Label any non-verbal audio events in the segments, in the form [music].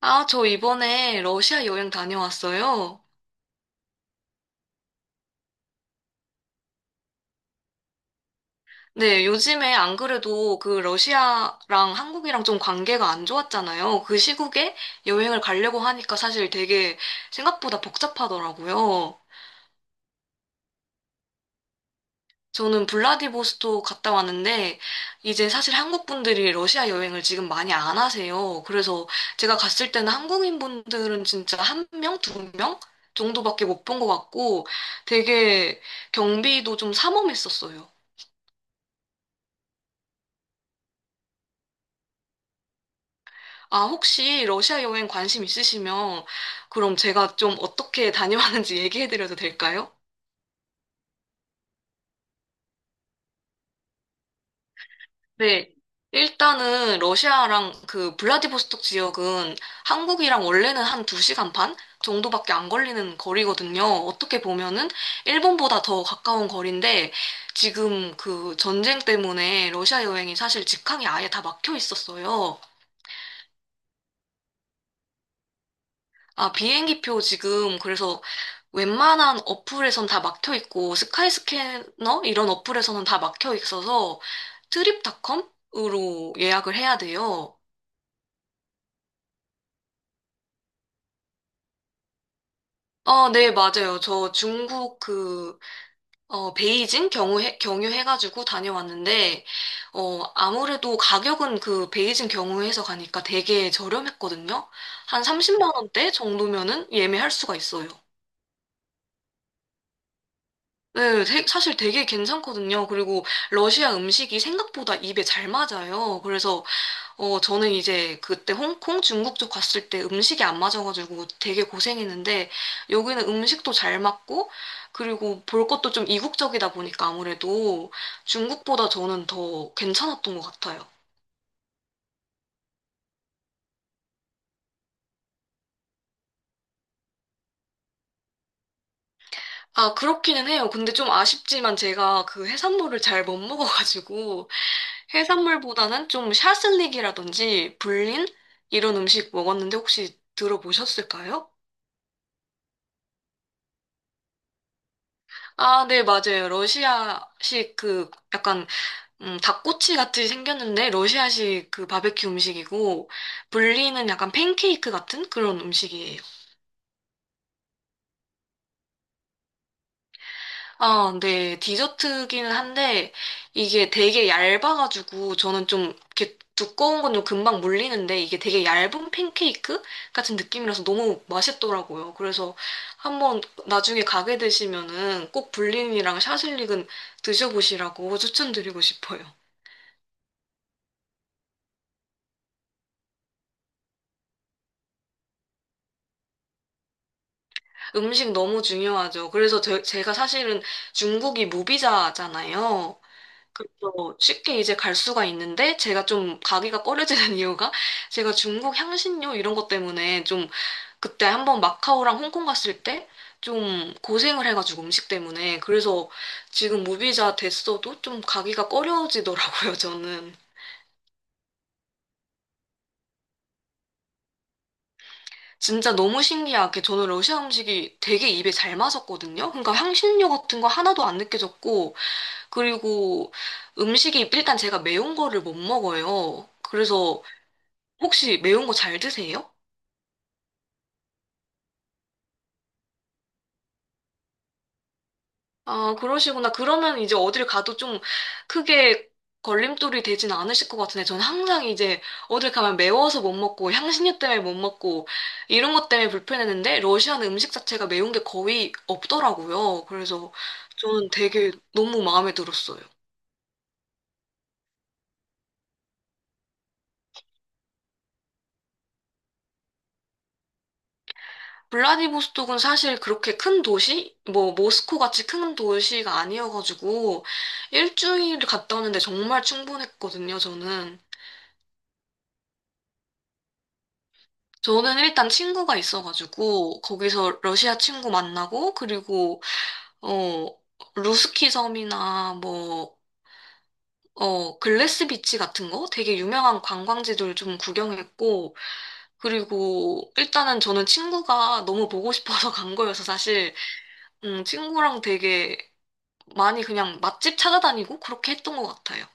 아, 저 이번에 러시아 여행 다녀왔어요. 네, 요즘에 안 그래도 그 러시아랑 한국이랑 좀 관계가 안 좋았잖아요. 그 시국에 여행을 가려고 하니까 사실 되게 생각보다 복잡하더라고요. 저는 블라디보스토크 갔다 왔는데 이제 사실 한국 분들이 러시아 여행을 지금 많이 안 하세요. 그래서 제가 갔을 때는 한국인 분들은 진짜 한 명, 두 명 정도밖에 못 본 것 같고 되게 경비도 좀 삼엄했었어요. 아, 혹시 러시아 여행 관심 있으시면 그럼 제가 좀 어떻게 [laughs] 다녀왔는지 얘기해드려도 될까요? 네. 일단은 러시아랑 그 블라디보스톡 지역은 한국이랑 원래는 한 2시간 반 정도밖에 안 걸리는 거리거든요. 어떻게 보면은 일본보다 더 가까운 거리인데 지금 그 전쟁 때문에 러시아 여행이 사실 직항이 아예 다 막혀 있었어요. 아, 비행기표 지금 그래서 웬만한 어플에선 다 막혀 있고 스카이스캐너 이런 어플에서는 다 막혀 있어서 트립닷컴으로 예약을 해야 돼요. 어, 네, 맞아요. 저 중국 그, 어, 경유해가지고 다녀왔는데, 어, 아무래도 가격은 그 베이징 경유해서 가니까 되게 저렴했거든요. 한 30만 원대 정도면은 예매할 수가 있어요. 사실 되게 괜찮거든요. 그리고 러시아 음식이 생각보다 입에 잘 맞아요. 그래서 어, 저는 이제 그때 홍콩, 중국 쪽 갔을 때 음식이 안 맞아가지고 되게 고생했는데 여기는 음식도 잘 맞고 그리고 볼 것도 좀 이국적이다 보니까 아무래도 중국보다 저는 더 괜찮았던 것 같아요. 아, 그렇기는 해요. 근데 좀 아쉽지만 제가 그 해산물을 잘 못 먹어가지고 해산물보다는 좀 샤슬릭이라든지 불린 이런 음식 먹었는데 혹시 들어보셨을까요? 아, 네, 맞아요. 러시아식 그 약간 닭꼬치 같이 생겼는데 러시아식 그 바베큐 음식이고 분리는 약간 팬케이크 같은 그런 음식이에요. 아, 네, 디저트기는 한데 이게 되게 얇아가지고 저는 좀 이렇게 두꺼운 건 좀 금방 물리는데 이게 되게 얇은 팬케이크 같은 느낌이라서 너무 맛있더라고요. 그래서 한번 나중에 가게 되시면은 꼭 불린이랑 샤슬릭은 드셔보시라고 추천드리고 싶어요. 음식 너무 중요하죠. 그래서 제가 사실은 중국이 무비자잖아요. 그래서 쉽게 이제 갈 수가 있는데 제가 좀 가기가 꺼려지는 [laughs] 이유가 제가 중국 향신료 이런 것 때문에 좀 그때 한번 마카오랑 홍콩 갔을 때 좀 고생을 해가지고 음식 때문에 그래서 지금 무비자 됐어도 좀 가기가 꺼려지더라고요, [laughs] 저는. 진짜 너무 신기하게 저는 러시아 음식이 되게 입에 잘 맞았거든요. 그러니까 향신료 같은 거 하나도 안 느껴졌고 그리고 음식이 일단 제가 매운 거를 못 먹어요. 그래서 혹시 매운 거 잘 드세요? 아, 그러시구나. 그러면 이제 어딜 가도 좀 크게 걸림돌이 되진 않으실 것 같은데, 저는 항상 이제 어딜 가면 매워서 못 먹고, 향신료 때문에 못 먹고, 이런 것 때문에 불편했는데, 러시아는 음식 자체가 매운 게 거의 없더라고요. 그래서 저는 되게 너무 마음에 들었어요. 블라디보스톡은 사실 그렇게 큰 도시? 뭐, 모스코 같이 큰 도시가 아니어가지고, 일주일 갔다 오는데 정말 충분했거든요, 저는. 저는 일단 친구가 있어가지고, 거기서 러시아 친구 만나고, 그리고, 어, 루스키 섬이나 뭐, 어, 글래스 비치 같은 거? 되게 유명한 관광지들 좀 구경했고, 그리고 일단은 저는 친구가 너무 보고 싶어서 [laughs] 간 거여서 사실, 친구랑 되게 많이 그냥 맛집 찾아다니고 그렇게 했던 것 같아요.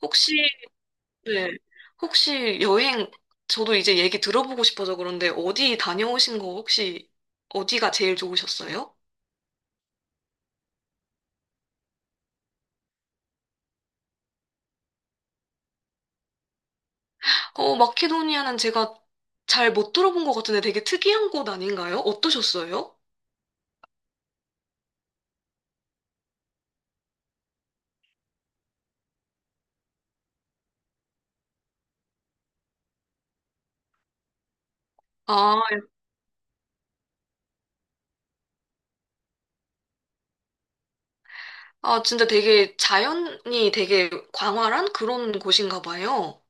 혹시, 네. 혹시 여행, 저도 이제 얘기 들어보고 싶어서 그런데 어디 다녀오신 거 혹시 어디가 제일 좋으셨어요? 어, 마케도니아는 제가 잘 못 들어본 것 같은데 되게 특이한 곳 아닌가요? 어떠셨어요? 아, 아, 진짜 되게 자연이 되게 광활한 그런 곳인가 봐요.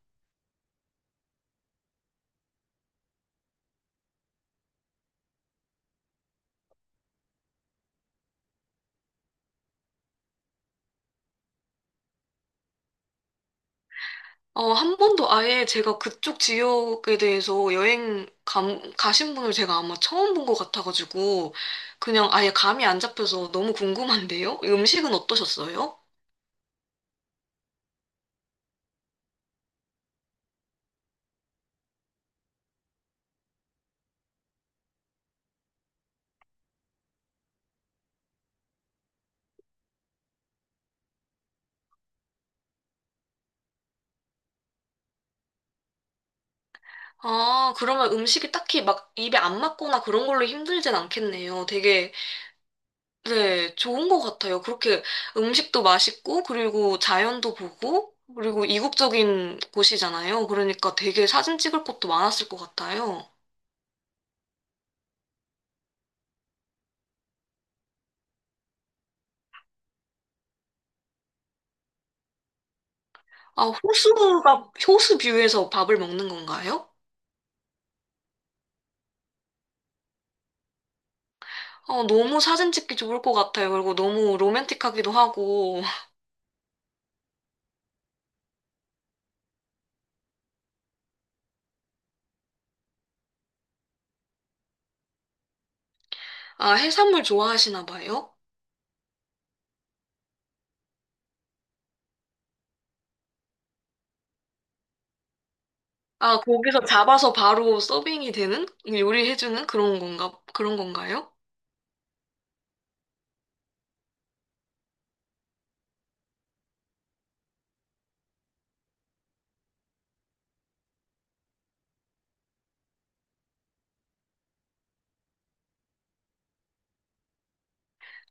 어, 한 번도 아예 제가 그쪽 지역에 대해서 가신 분을 제가 아마 처음 본 것 같아가지고, 그냥 아예 감이 안 잡혀서 너무 궁금한데요? 음식은 어떠셨어요? 아, 그러면 음식이 딱히 막 입에 안 맞거나 그런 걸로 힘들진 않겠네요. 되게, 네, 좋은 것 같아요. 그렇게 음식도 맛있고, 그리고 자연도 보고, 그리고 이국적인 곳이잖아요. 그러니까 되게 사진 찍을 곳도 많았을 것 같아요. 아, 호수 뷰에서 밥을 먹는 건가요? 어, 너무 사진 찍기 좋을 것 같아요. 그리고 너무 로맨틱하기도 하고. 아, 해산물 좋아하시나 봐요? 아, 거기서 잡아서 바로 서빙이 되는? 요리해주는 그런 건가요?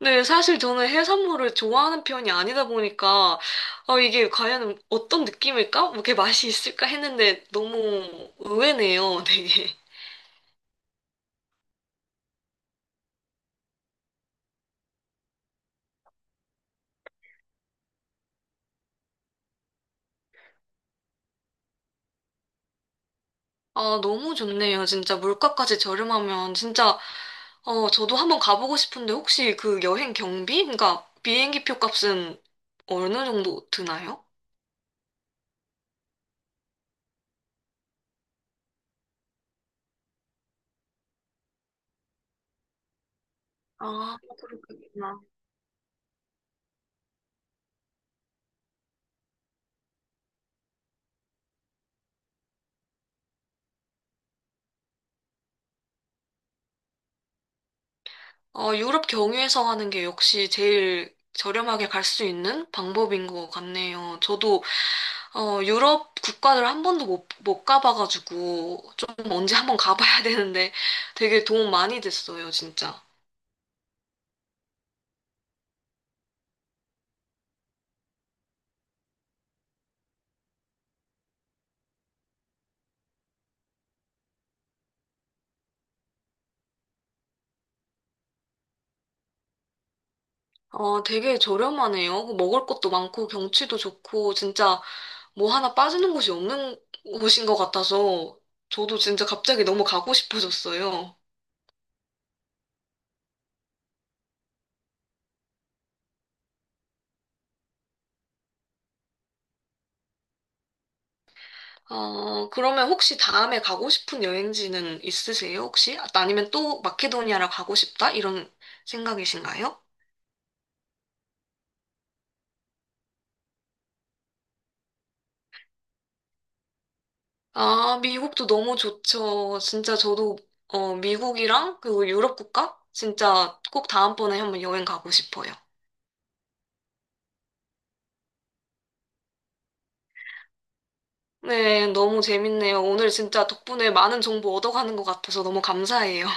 네, 사실 저는 해산물을 좋아하는 편이 아니다 보니까, 어 이게 과연 어떤 느낌일까? 뭐 이렇게 맛이 있을까 했는데 너무 의외네요, 되게. 아, 너무 좋네요. 진짜 물가까지 저렴하면 진짜 어, 저도 한번 가보고 싶은데 혹시 그 여행 경비? 그러니까 비행기 표 값은 어느 정도 드나요? 아, 그렇구나. 어, 유럽 경유해서 하는 게 역시 제일 저렴하게 갈 수 있는 방법인 것 같네요. 저도 어, 유럽 국가를 한 번도 못 가봐가지고 좀 언제 한번 가봐야 [laughs] 되는데 되게 도움 많이 됐어요, 진짜. 아, 되게 저렴하네요. 그 먹을 것도 많고 경치도 좋고 진짜 뭐 하나 빠지는 곳이 없는 곳인 것 같아서 저도 진짜 갑자기 너무 가고 싶어졌어요. 아, 그러면 혹시 다음에 가고 싶은 여행지는 있으세요, 혹시? 아니면 또 마케도니아를 가고 싶다? 이런 생각이신가요? 아, 미국도 너무 좋죠. 진짜 저도 어, 미국이랑 그리고 유럽 국가 진짜 꼭 다음번에 한번 여행 가고 싶어요. 네, 너무 재밌네요. 오늘 진짜 덕분에 많은 정보 얻어가는 것 같아서 너무 감사해요.